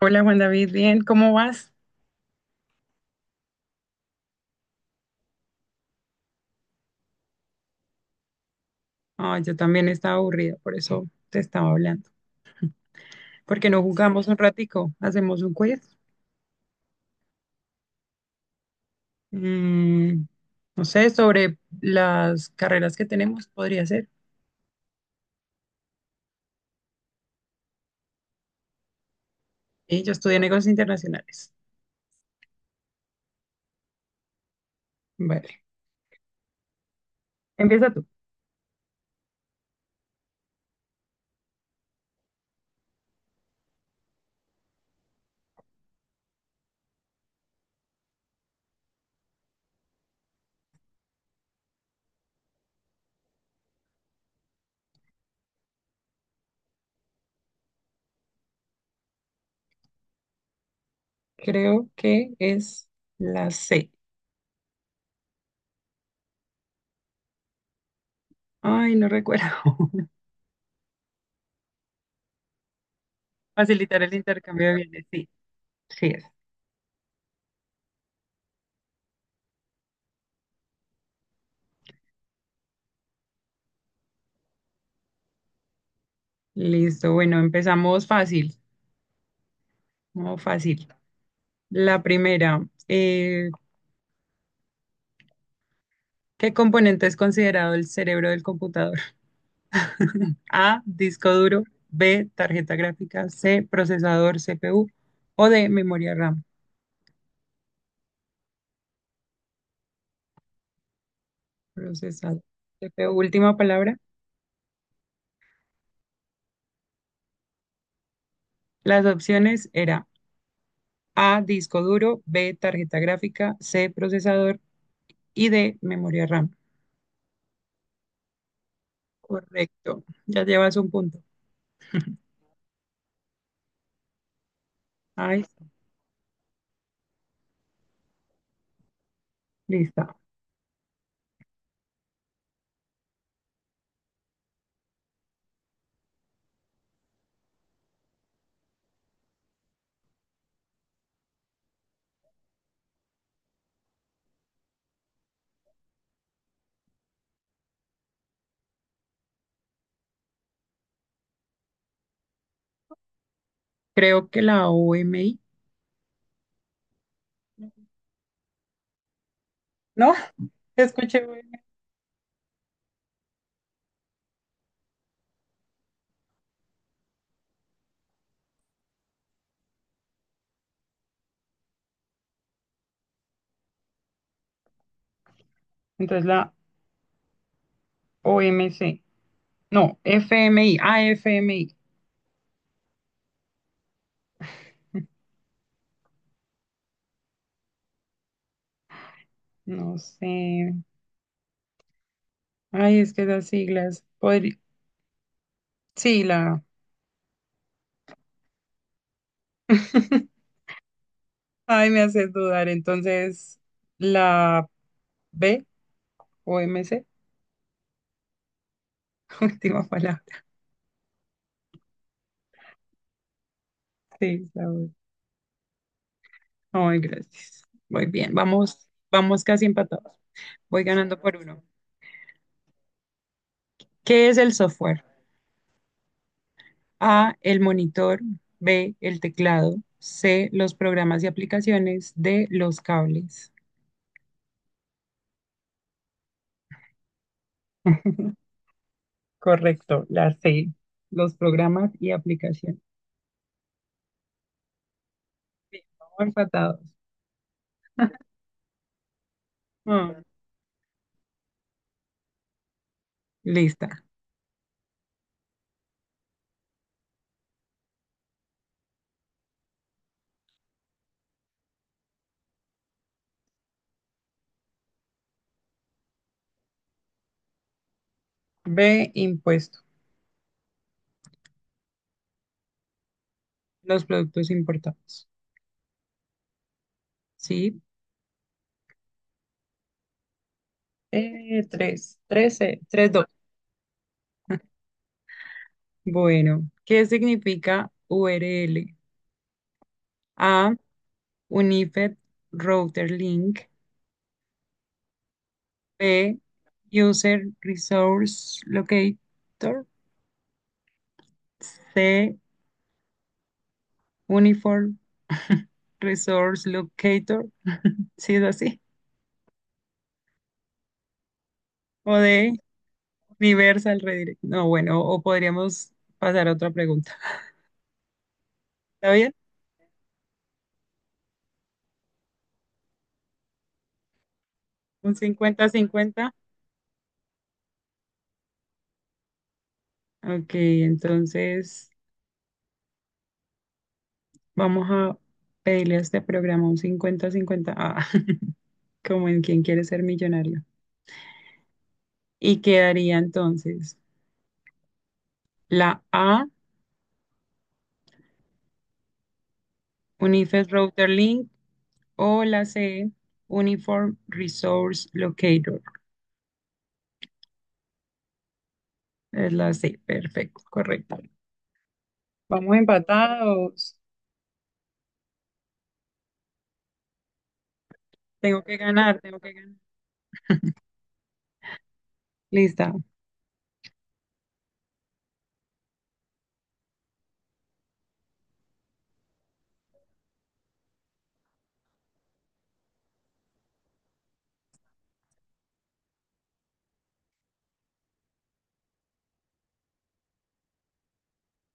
Hola Juan David, bien, ¿cómo vas? Ah, yo también estaba aburrida, por eso te estaba hablando. ¿Por qué no jugamos un ratico, hacemos un quiz? Mm, no sé, sobre las carreras que tenemos, podría ser. Y yo estudié negocios internacionales. Vale, empieza tú. Creo que es la C. Ay, no recuerdo. Facilitar el intercambio de bienes, sí, sí es. Listo, bueno, empezamos fácil, no fácil. La primera, eh, ¿qué componente es considerado el cerebro del computador? A, disco duro; B, tarjeta gráfica; C, procesador CPU; o D, memoria RAM. Procesador CPU, última palabra. Las opciones era A, disco duro; B, tarjeta gráfica; C, procesador; y D, memoria RAM. Correcto. Ya llevas un punto. Ahí está. Lista. Creo que la OMI. No, escuché. OMI. Entonces la OMC. No, FMI. Ah, FMI. No sé. Ay, es que las siglas. Sí, la. Ay, me haces dudar. Entonces, la B o M C. Última palabra. Sí, la B. Ay, gracias. Muy bien, vamos, vamos casi empatados. Voy ganando por uno. ¿Qué es el software? A, el monitor; B, el teclado; C, los programas y aplicaciones; D, los cables. Correcto, la C, los programas y aplicaciones. Bien, vamos empatados. Mm, lista. B, impuesto. Los productos importados. Sí. Tres, trece. Tres dos. Bueno, ¿qué significa URL? A, Unified Router Link. B, User Resource Locator. C, Uniform Resource Locator. ¿Sí es así? O D, Universal Redirect. No, bueno, o podríamos pasar a otra pregunta. ¿Está bien? Un 50 cincuenta. Ok, entonces vamos a pedirle a este programa un 50 cincuenta. Ah, como en Quién quiere ser millonario. Y quedaría entonces la A, Unified Router Link, o la C, Uniform Resource Locator. Es la C, perfecto, correcta. Vamos empatados. Tengo que ganar, tengo que ganar. Lista.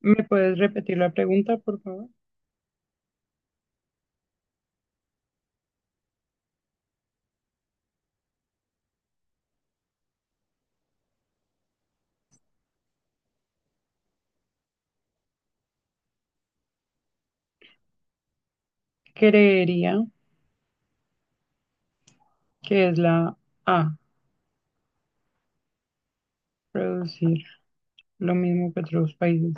¿Me puedes repetir la pregunta, por favor? Creería que es la A, producir. Lo mismo que otros países.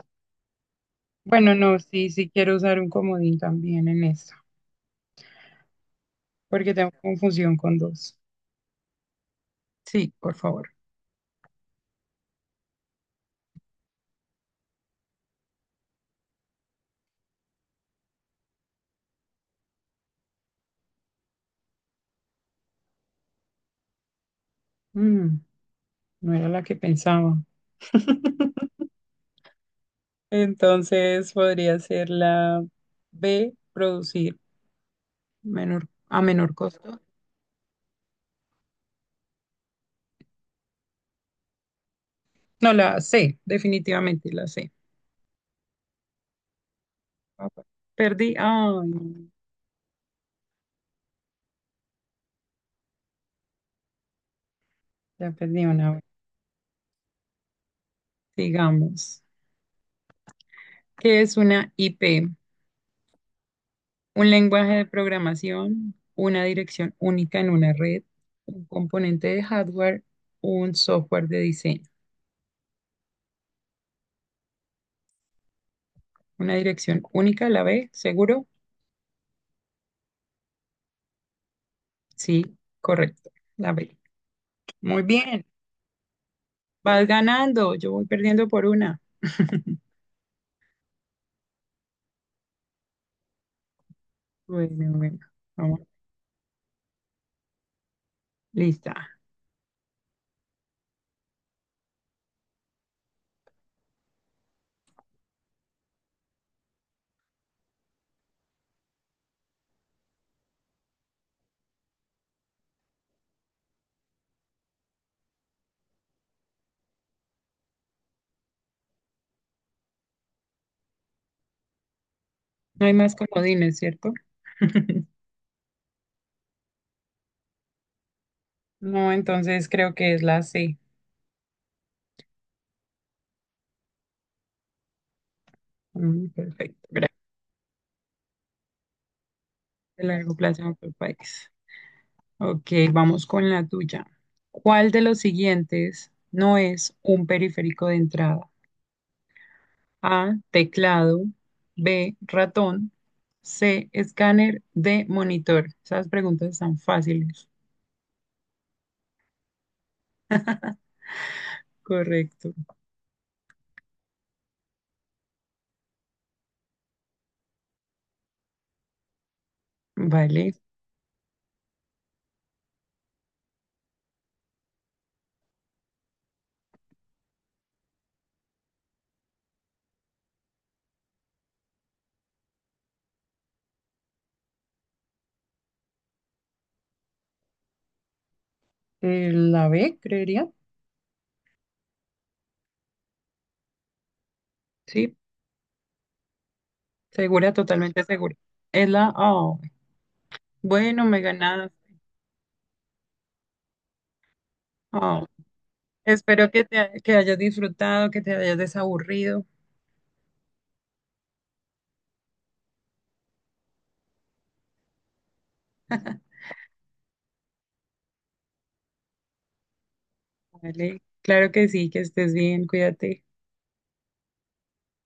Bueno, no, sí, sí quiero usar un comodín también en esta, porque tengo confusión con dos. Sí, por favor. Mm, no era la que pensaba. Entonces podría ser la B, producir menor, a menor costo. No, la C, definitivamente la C. Ah, bueno. Perdí, ay, ya perdí una vez. Digamos, ¿qué es una IP? Un lenguaje de programación, una dirección única en una red, un componente de hardware, un software de diseño. Una dirección única, la B, ¿seguro? Sí, correcto, la B. Muy bien, vas ganando, yo voy perdiendo por una. Bueno, bueno, vamos, lista. No hay más comodines, ¿cierto? No, entonces creo que es la C. Perfecto, gracias. El largo plazo en otro país. Ok, vamos con la tuya. ¿Cuál de los siguientes no es un periférico de entrada? A, teclado; B, ratón; C, escáner; D, monitor. Esas preguntas están fáciles. Correcto. Vale. La B, creería. Sí, segura, totalmente segura. Es la A. Bueno, me ganas. Oh, espero que te que hayas disfrutado, que te hayas desaburrido. Vale. Claro que sí, que estés bien, cuídate.